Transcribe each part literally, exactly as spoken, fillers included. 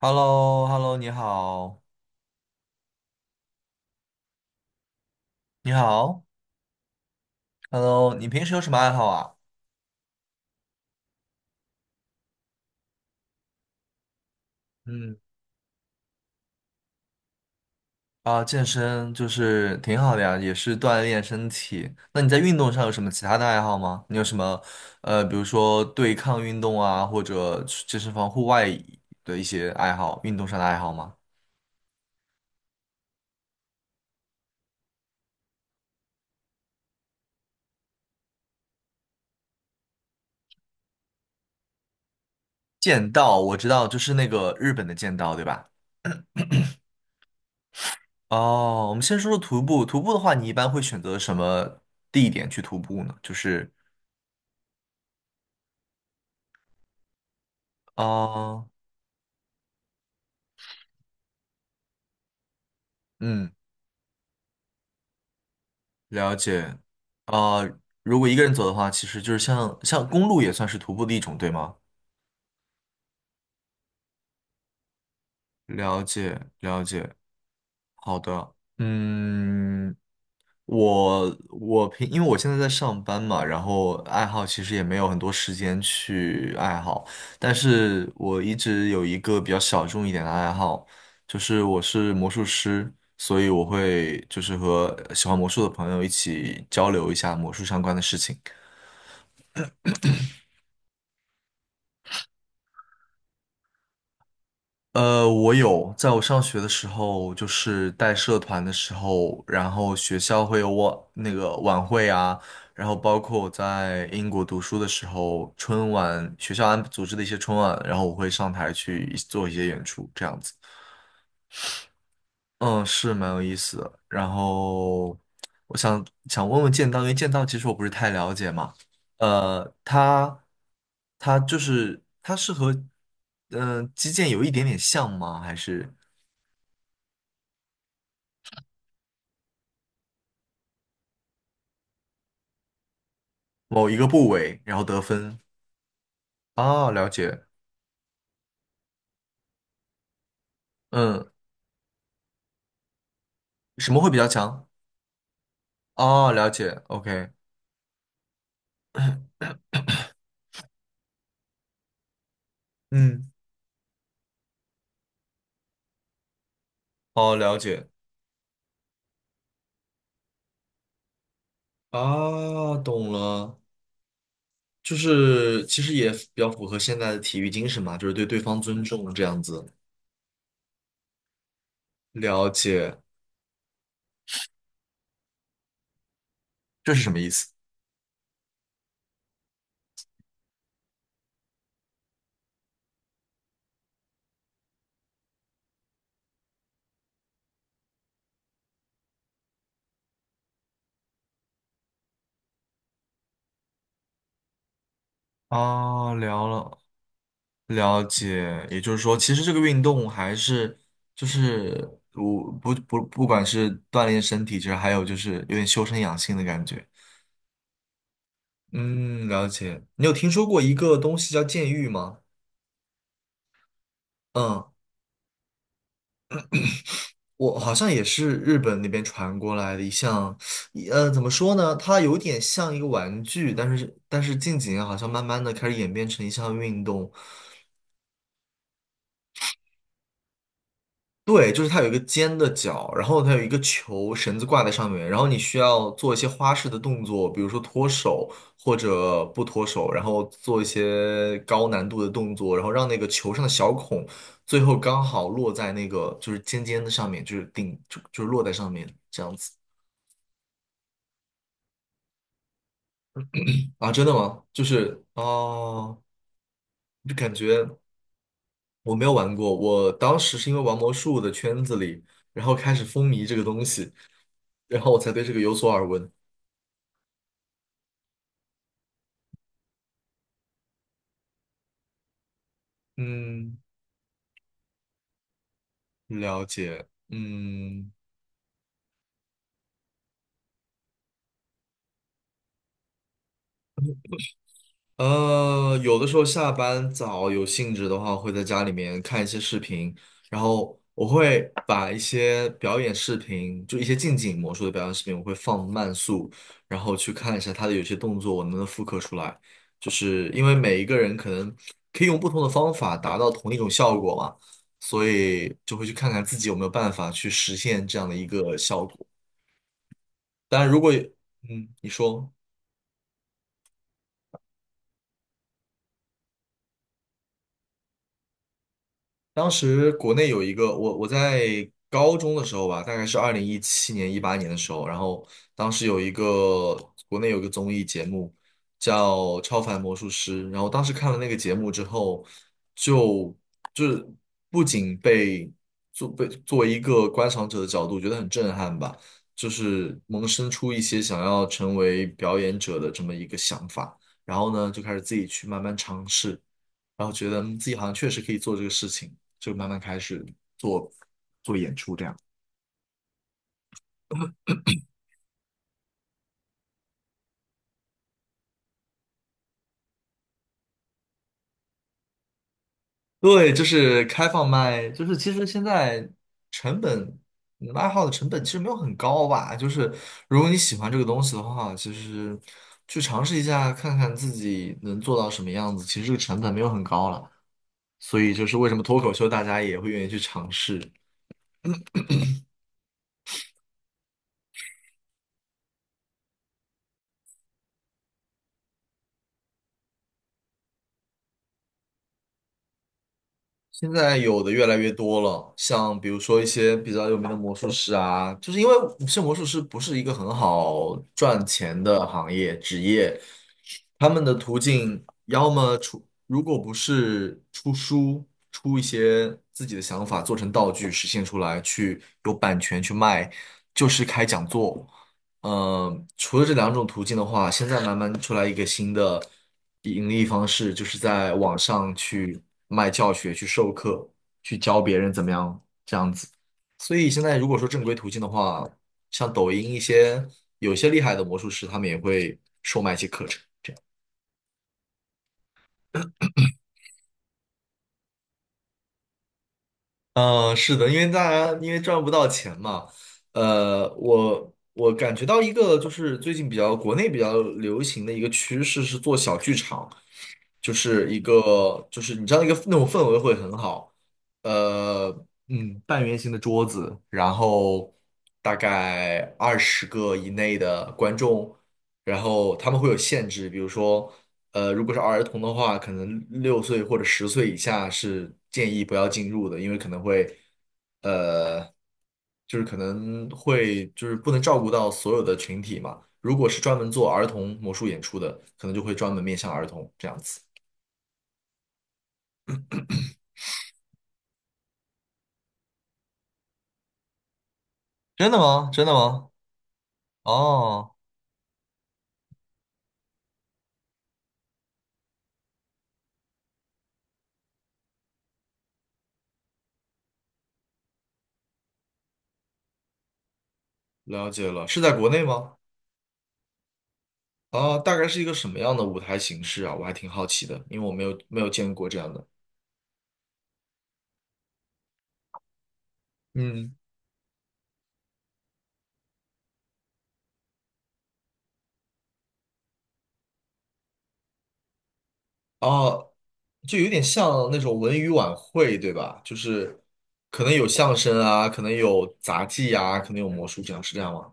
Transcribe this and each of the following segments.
h e l l o h e l l o 你好，你好，Hello，你平时有什么爱好啊？嗯，啊，健身就是挺好的呀，也是锻炼身体。那你在运动上有什么其他的爱好吗？你有什么呃，比如说对抗运动啊，或者去健身房户外的一些爱好，运动上的爱好吗？剑道我知道，就是那个日本的剑道，对吧？哦，我们先说说徒步。徒步的话，你一般会选择什么地点去徒步呢？就是，啊，嗯。了解。啊、如果一个人走的话，其实就是像像公路也算是徒步的一种，对吗？了解，了解。好的，嗯，我我平，因为我现在在上班嘛，然后爱好其实也没有很多时间去爱好，但是我一直有一个比较小众一点的爱好，就是我是魔术师，所以我会就是和喜欢魔术的朋友一起交流一下魔术相关的事情。呃，我有，在我上学的时候，就是带社团的时候，然后学校会有我那个晚会啊，然后包括我在英国读书的时候，春晚学校安组织的一些春晚，然后我会上台去一做一些演出，这样子，嗯，是蛮有意思的。然后我想想问问剑道，因为剑道其实我不是太了解嘛，呃，它它就是它是和嗯、呃击剑有一点点像吗？还是？某一个部位，然后得分。啊，了解。嗯，什么会比较强？啊，了解。OK。嗯，哦，了解。啊，懂了。就是其实也比较符合现在的体育精神嘛，就是对对方尊重这样子。了解，这是什么意思？啊，聊了，了解，也就是说，其实这个运动还是就是我不不不管是锻炼身体，其实还有就是有点修身养性的感觉。嗯，了解。你有听说过一个东西叫剑玉吗？嗯，我好像也是日本那边传过来的一项，一呃，怎么说呢？它有点像一个玩具，但是但是近几年好像慢慢的开始演变成一项运动。对，就是它有一个尖的角，然后它有一个球绳子挂在上面，然后你需要做一些花式的动作，比如说脱手或者不脱手，然后做一些高难度的动作，然后让那个球上的小孔最后刚好落在那个就是尖尖的上面，就是顶就就是落在上面这样子啊？真的吗？就是哦，就感觉我没有玩过，我当时是因为玩魔术的圈子里，然后开始风靡这个东西，然后我才对这个有所耳闻。嗯，了解。嗯，呃，有的时候下班早有兴致的话，会在家里面看一些视频，然后我会把一些表演视频，就一些近景魔术的表演视频，我会放慢速，然后去看一下他的有些动作我能不能复刻出来。就是因为每一个人可能可以用不同的方法达到同一种效果嘛，所以就会去看看自己有没有办法去实现这样的一个效果。当然，如果嗯，你说。当时国内有一个我我在高中的时候吧，大概是二零一七年一八年的时候，然后当时有一个国内有个综艺节目叫《超凡魔术师》，然后当时看了那个节目之后，就就是不仅被作被作为一个观赏者的角度觉得很震撼吧，就是萌生出一些想要成为表演者的这么一个想法，然后呢就开始自己去慢慢尝试，然后觉得嗯自己好像确实可以做这个事情。就慢慢开始做做演出这样。对，就是开放麦，就是其实现在成本爱好的成本其实没有很高吧，就是如果你喜欢这个东西的话，其实去尝试一下看看自己能做到什么样子，其实这个成本没有很高了，所以就是为什么脱口秀大家也会愿意去尝试。现在有的越来越多了，像比如说一些比较有名的魔术师啊，就是因为是魔术师不是一个很好赚钱的行业职业，他们的途径要么出，如果不是出书，出一些自己的想法做成道具实现出来，去有版权去卖，就是开讲座。嗯，除了这两种途径的话，现在慢慢出来一个新的盈利方式，就是在网上去卖教学、去授课、去教别人怎么样。所以现在如果说正规途径的话，像抖音一些有些厉害的魔术师，他们也会售卖一些课程。嗯，是的，因为大家因为赚不到钱嘛，呃，我我感觉到一个就是最近比较国内比较流行的一个趋势是做小剧场。就是一个就是你知道那个那种氛围会很好，呃，嗯，半圆形的桌子，然后大概二十个以内的观众，然后他们会有限制，比如说，呃，如果是儿童的话，可能六岁或者十岁以下是建议不要进入的，因为可能会，呃，就是可能会就是不能照顾到所有的群体嘛。如果是专门做儿童魔术演出的，可能就会专门面向儿童这样子。真的吗？真的吗？哦，了解了，是在国内吗？啊，大概是一个什么样的舞台形式啊？我还挺好奇的，因为我没有没有见过这样的。嗯，哦，就有点像那种文娱晚会，对吧？就是可能有相声啊，可能有杂技啊，可能有魔术这样，是这样吗？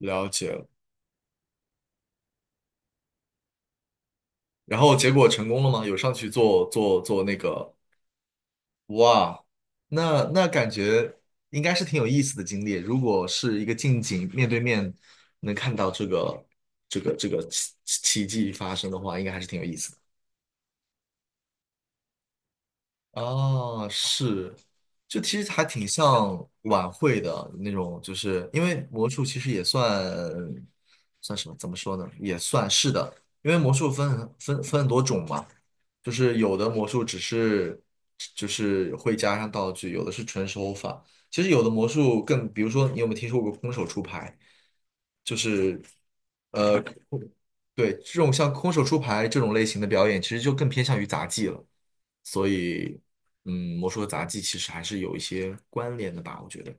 了解了。然后结果成功了吗？有上去做做做那个哇，那那感觉应该是挺有意思的经历。如果是一个近景面对面能看到这个这个这个奇奇迹发生的话，应该还是挺有意思的。啊，是，就其实还挺像晚会的那种，就是因为魔术其实也算算什么？怎么说呢？也算是的，因为魔术分很分分很多种嘛，就是有的魔术只是就是会加上道具，有的是纯手法。其实有的魔术更，比如说你有没有听说过空手出牌？就是呃，对，这种像空手出牌这种类型的表演，其实就更偏向于杂技了。所以，嗯，魔术和杂技其实还是有一些关联的吧，我觉得。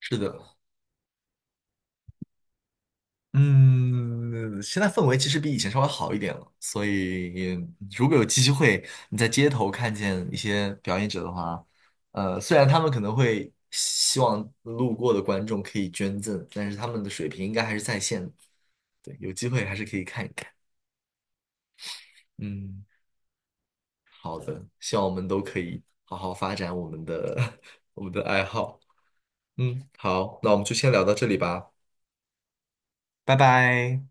是的，嗯，现在氛围其实比以前稍微好一点了。所以，如果有机会你在街头看见一些表演者的话，呃，虽然他们可能会希望路过的观众可以捐赠，但是他们的水平应该还是在线的。对，有机会还是可以看一看。嗯。好的，希望我们都可以好好发展我们的 我们的爱好。嗯，好，那我们就先聊到这里吧，拜拜。